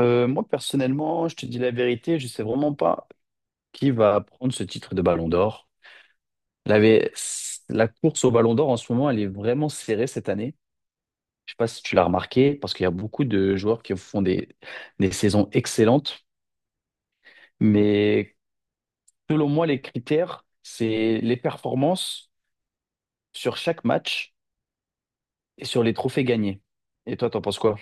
Moi, personnellement, je te dis la vérité, je sais vraiment pas qui va prendre ce titre de Ballon d'Or. La, vé- la course au Ballon d'Or en ce moment, elle est vraiment serrée cette année. Je sais pas si tu l'as remarqué, parce qu'il y a beaucoup de joueurs qui font des saisons excellentes. Mais selon moi, les critères, c'est les performances sur chaque match et sur les trophées gagnés. Et toi, t'en penses quoi?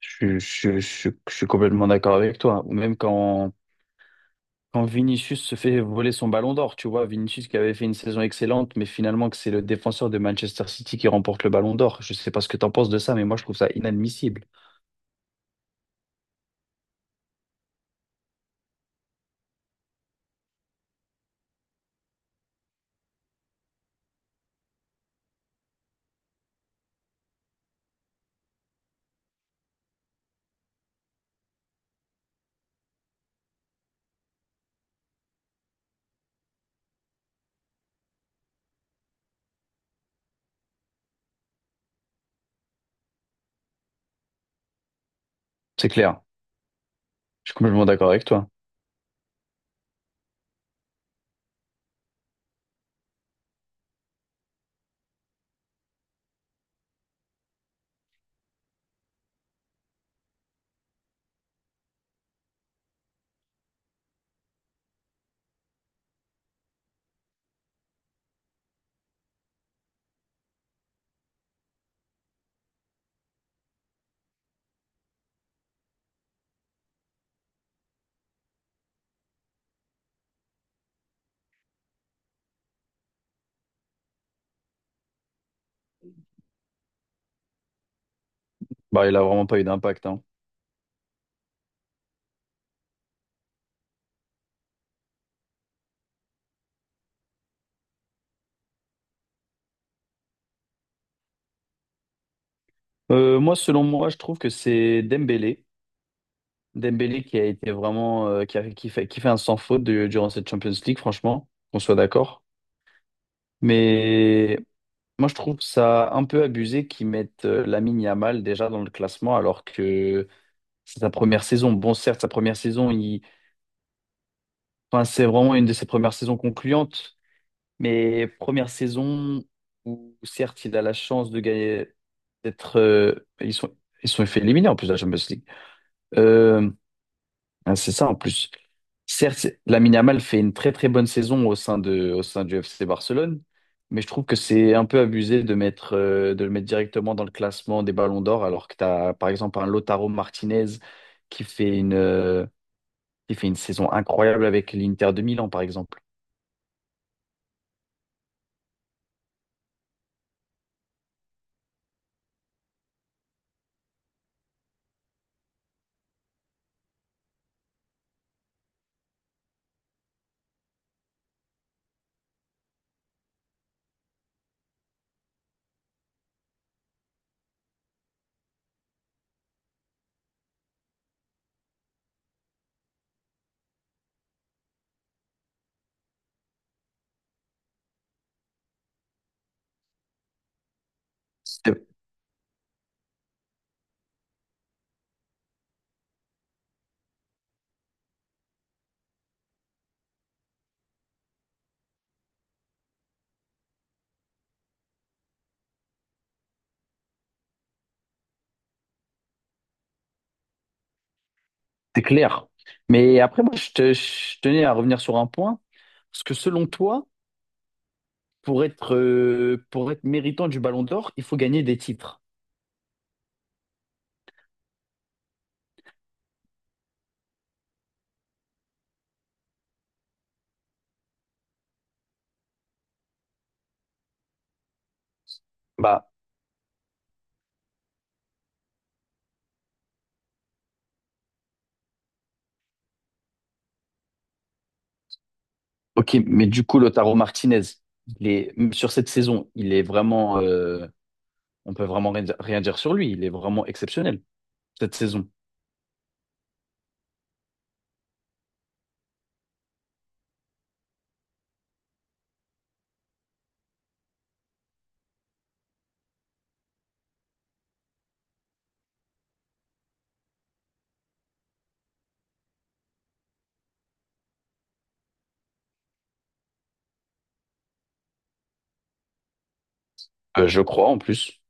Je suis complètement d'accord avec toi. Ou même quand Vinicius se fait voler son ballon d'or, tu vois, Vinicius qui avait fait une saison excellente, mais finalement que c'est le défenseur de Manchester City qui remporte le ballon d'or. Je sais pas ce que t'en penses de ça, mais moi je trouve ça inadmissible. C'est clair. Je suis complètement d'accord avec toi. Bah, il a vraiment pas eu d'impact, hein. Moi, selon moi, je trouve que c'est Dembélé. Dembélé qui a été vraiment, qui qui fait un sans faute durant cette Champions League, franchement, qu'on soit d'accord. Mais moi, je trouve ça un peu abusé qu'ils mettent Lamine Yamal déjà dans le classement, alors que c'est sa première saison. Bon, certes, sa première saison, il... enfin, c'est vraiment une de ses premières saisons concluantes, mais première saison où, certes, il a la chance de gagner, d'être. Ils sont... Ils sont fait éliminer en plus de la Champions League. Euh, c'est ça en plus. Certes, Lamine Yamal fait une très très bonne saison au sein du FC Barcelone, mais je trouve que c'est un peu abusé de mettre, de le mettre directement dans le classement des ballons d'or, alors que tu as par exemple un Lautaro Martinez qui fait qui fait une saison incroyable avec l'Inter de Milan, par exemple. C'est c'est clair. Mais après, je tenais à revenir sur un point. Parce que selon toi, pour être méritant du Ballon d'Or, il faut gagner des titres. Bah, ok, mais du coup, Lautaro Martinez, il est, sur cette saison, il est on peut vraiment rien dire sur lui. Il est vraiment exceptionnel cette saison. Je crois en plus.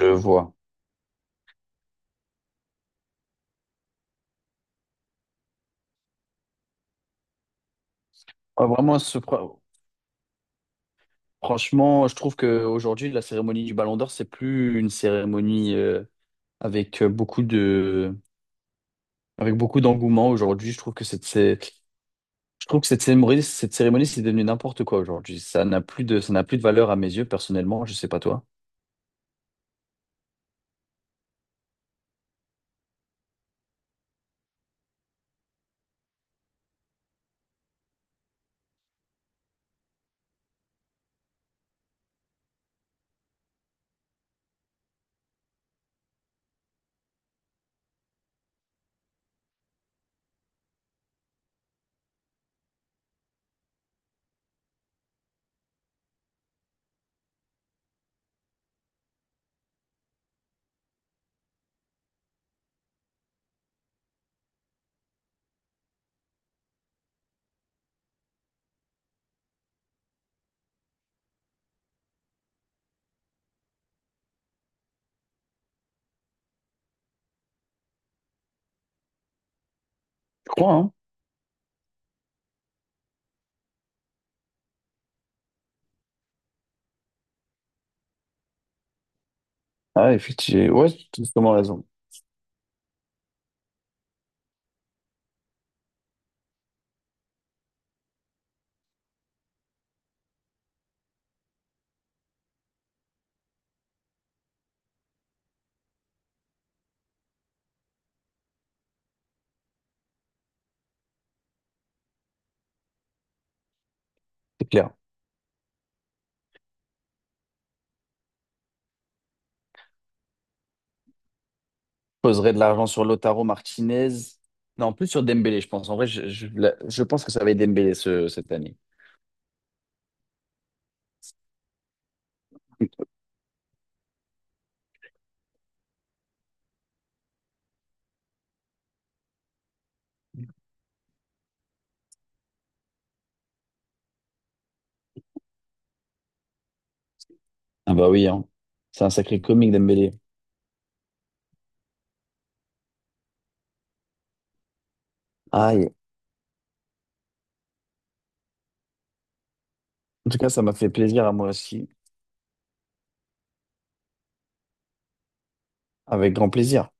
Je vois. Ah, vraiment, ce, pro- Franchement, je trouve qu'aujourd'hui, la cérémonie du Ballon d'Or, c'est plus une cérémonie avec beaucoup de, avec beaucoup d'engouement. Aujourd'hui, je trouve que je trouve que cette cérémonie, c'est devenu n'importe quoi aujourd'hui. Ça n'a plus de valeur à mes yeux, personnellement. Je sais pas toi. Je crois, hein? Ah, effectivement. Ouais, tu as totalement raison. C'est clair. Je poserais de l'argent sur Lautaro Martinez. Non, plus sur Dembélé, je pense. En vrai, je pense que ça va être Dembélé cette année. Ah bah oui, hein. C'est un sacré comique, Dembélé. Aïe, en tout cas, ça m'a fait plaisir à moi aussi. Avec grand plaisir.